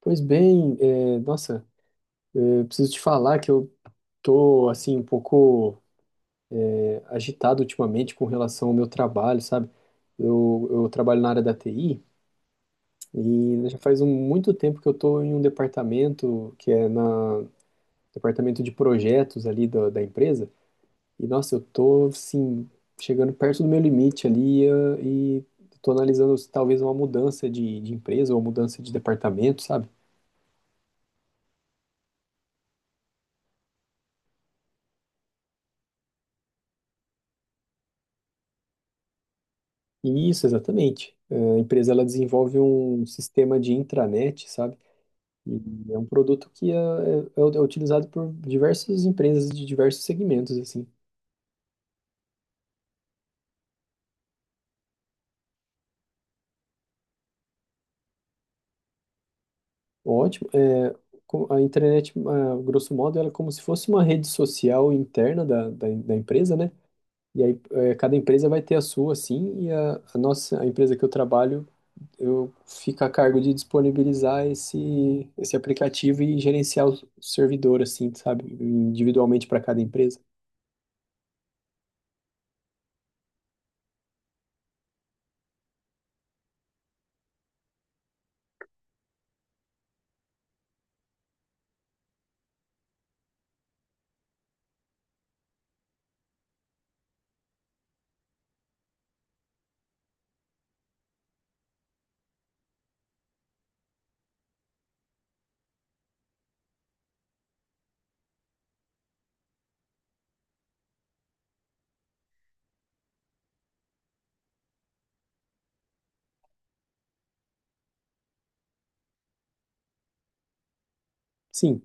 Pois bem, preciso te falar que eu tô assim um pouco agitado ultimamente com relação ao meu trabalho, sabe? Eu trabalho na área da TI e já faz muito tempo que eu tô em um departamento que é na departamento de projetos ali da empresa e nossa, eu tô assim chegando perto do meu limite ali e tô analisando se talvez uma mudança de empresa ou mudança de departamento, sabe? Isso, exatamente. A empresa ela desenvolve um sistema de intranet, sabe? E é um produto é utilizado por diversas empresas de diversos segmentos, assim. Ótimo. A intranet, a grosso modo, ela é como se fosse uma rede social interna da empresa, né? E aí, cada empresa vai ter a sua, assim, e a nossa, a empresa que eu trabalho eu fico a cargo de disponibilizar esse aplicativo e gerenciar o servidor, assim, sabe? Individualmente para cada empresa. Sim,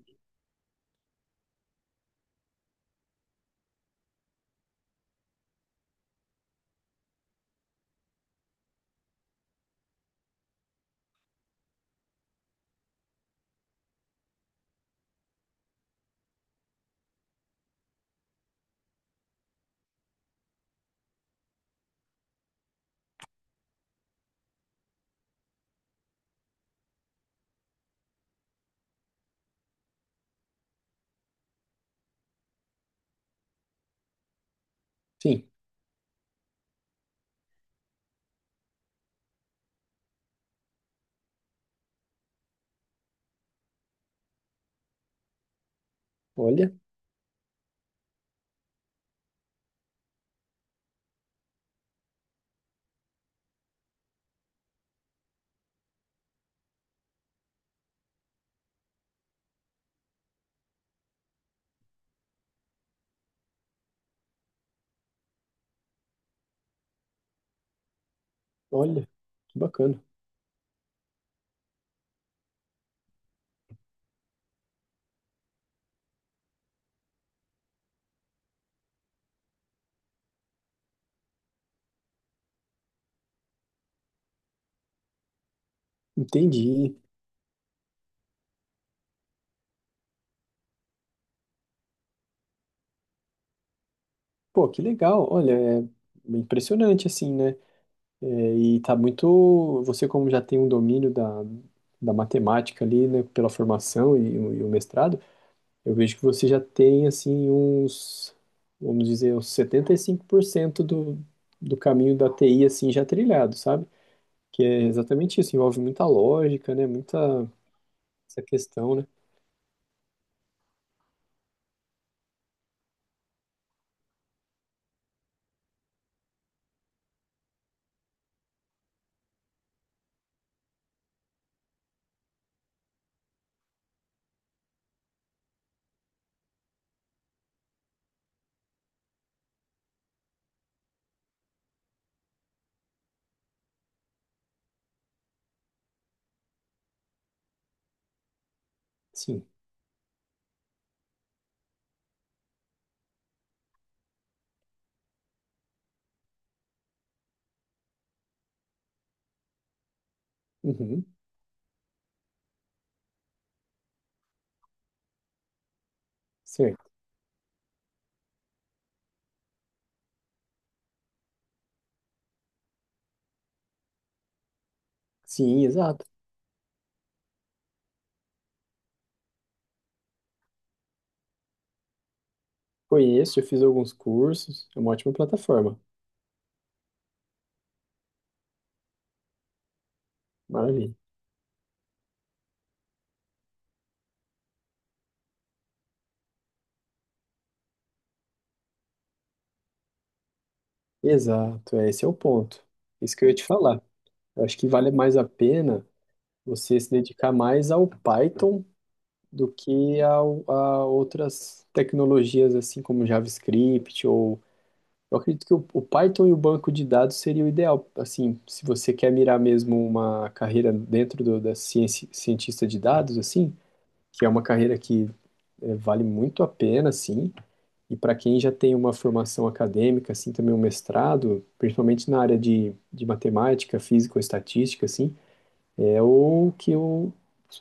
sim. Olha, olha, que bacana. Entendi. Pô, que legal. Olha, é impressionante, assim, né? É, e tá muito. Você, como já tem um domínio da matemática ali, né, pela formação e, e o mestrado. Eu vejo que você já tem assim vamos dizer, uns 75% do caminho da TI assim já trilhado, sabe? Que é exatamente isso, envolve muita lógica, né? Muita essa questão, né? Sim. Uhum. Certo. Sim, exato. Conheço, eu fiz alguns cursos, é uma ótima plataforma. Maravilha. Exato, é, esse é o ponto. Isso que eu ia te falar. Eu acho que vale mais a pena você se dedicar mais ao Python do que a outras tecnologias, assim como JavaScript ou. Eu acredito que o Python e o banco de dados seria o ideal. Assim, se você quer mirar mesmo uma carreira dentro do, da ciência, cientista de dados, assim, que é uma carreira que vale muito a pena, assim, e para quem já tem uma formação acadêmica, assim, também um mestrado, principalmente na área de matemática, física ou estatística, assim, é o que o,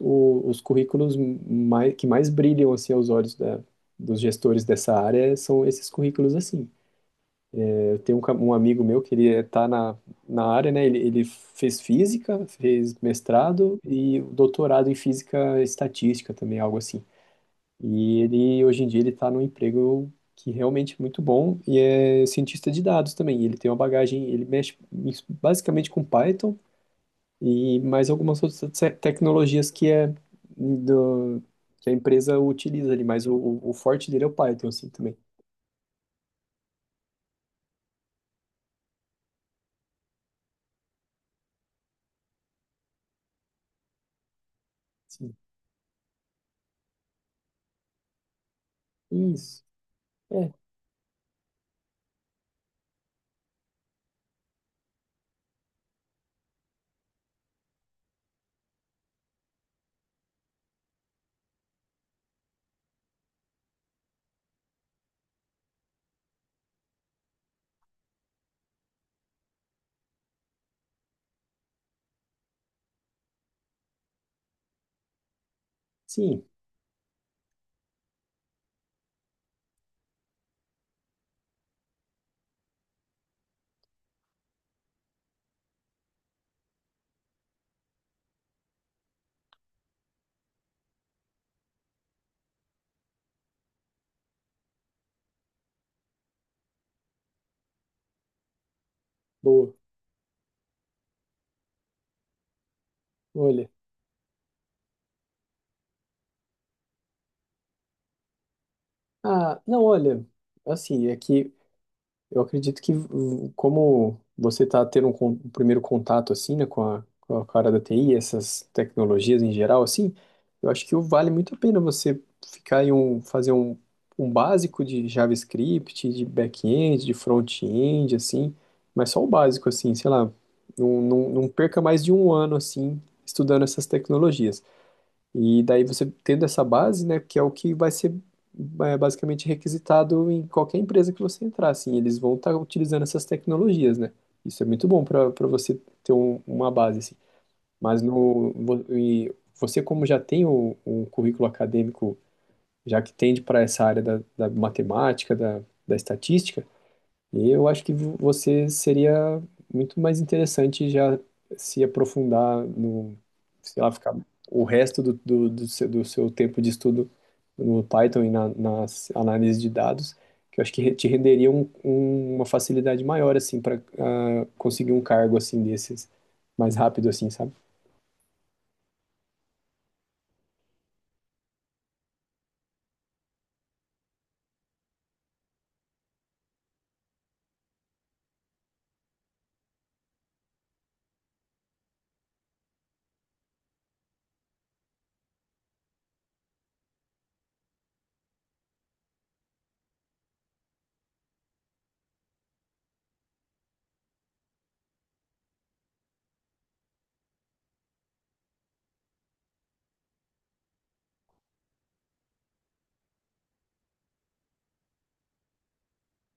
o- os currículos mais, que mais brilham assim aos olhos dos gestores dessa área são esses currículos assim. É, eu tenho um amigo meu que ele está na área, né? Ele fez física, fez mestrado e doutorado em física estatística também, algo assim. E ele hoje em dia ele está num emprego que realmente é muito bom e é cientista de dados também. Ele tem uma bagagem, ele mexe basicamente com Python e mais algumas outras tecnologias que é do, que a empresa utiliza ali, mas o forte dele é o Python, assim, também. Sim. Isso. É, sim. Boa. Olha. Ah, não, olha, assim, é que eu acredito que, como você está tendo um primeiro contato, assim, né, com com a cara da TI, essas tecnologias em geral, assim, eu acho que vale muito a pena você ficar em fazer um básico de JavaScript, de back-end, de front-end, assim, mas só o básico, assim, sei lá, não perca mais de um ano, assim, estudando essas tecnologias. E daí você tendo essa base, né, que é o que vai ser basicamente requisitado em qualquer empresa que você entrar, assim, eles vão estar utilizando essas tecnologias, né? Isso é muito bom para para você ter uma base, assim. Mas no, vo- e você como já tem o currículo acadêmico, já que tende para essa área da matemática, da estatística, e eu acho que você seria muito mais interessante já se aprofundar no, sei lá, ficar o resto do seu tempo de estudo no Python e nas análises de dados, que eu acho que te renderia uma facilidade maior, assim, para conseguir um cargo, assim, desses, mais rápido, assim, sabe?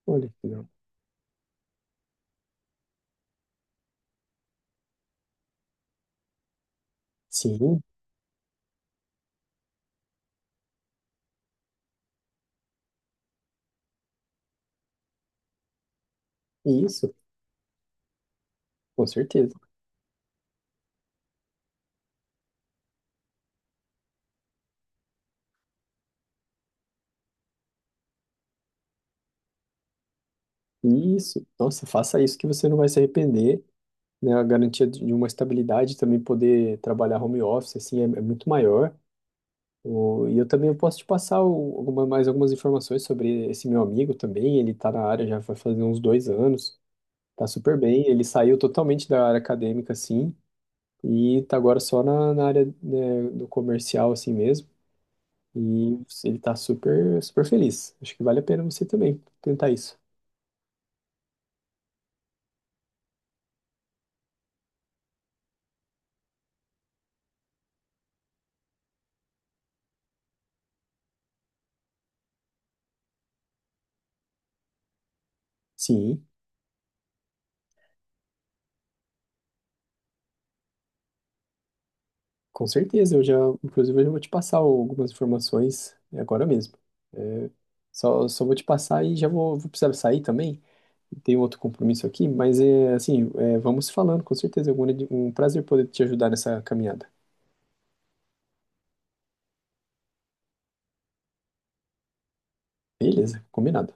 Olha, que legal. Sim, isso, com certeza. Isso, nossa, faça isso que você não vai se arrepender. Né, a garantia de uma estabilidade, também poder trabalhar home office, assim, é, é muito maior. O, e eu também eu posso te passar alguma, mais algumas informações sobre esse meu amigo também, ele está na área já vai fazer uns 2 anos, tá super bem, ele saiu totalmente da área acadêmica, assim, e tá agora só na área, né, do comercial, assim mesmo, e ele tá super, super feliz. Acho que vale a pena você também tentar isso. Sim. Com certeza, inclusive, eu já vou te passar algumas informações é agora mesmo. É, só vou te passar e vou precisar sair também. Tenho outro compromisso aqui, mas é assim, é, vamos falando, com certeza. É um um prazer poder te ajudar nessa caminhada. Beleza, combinado.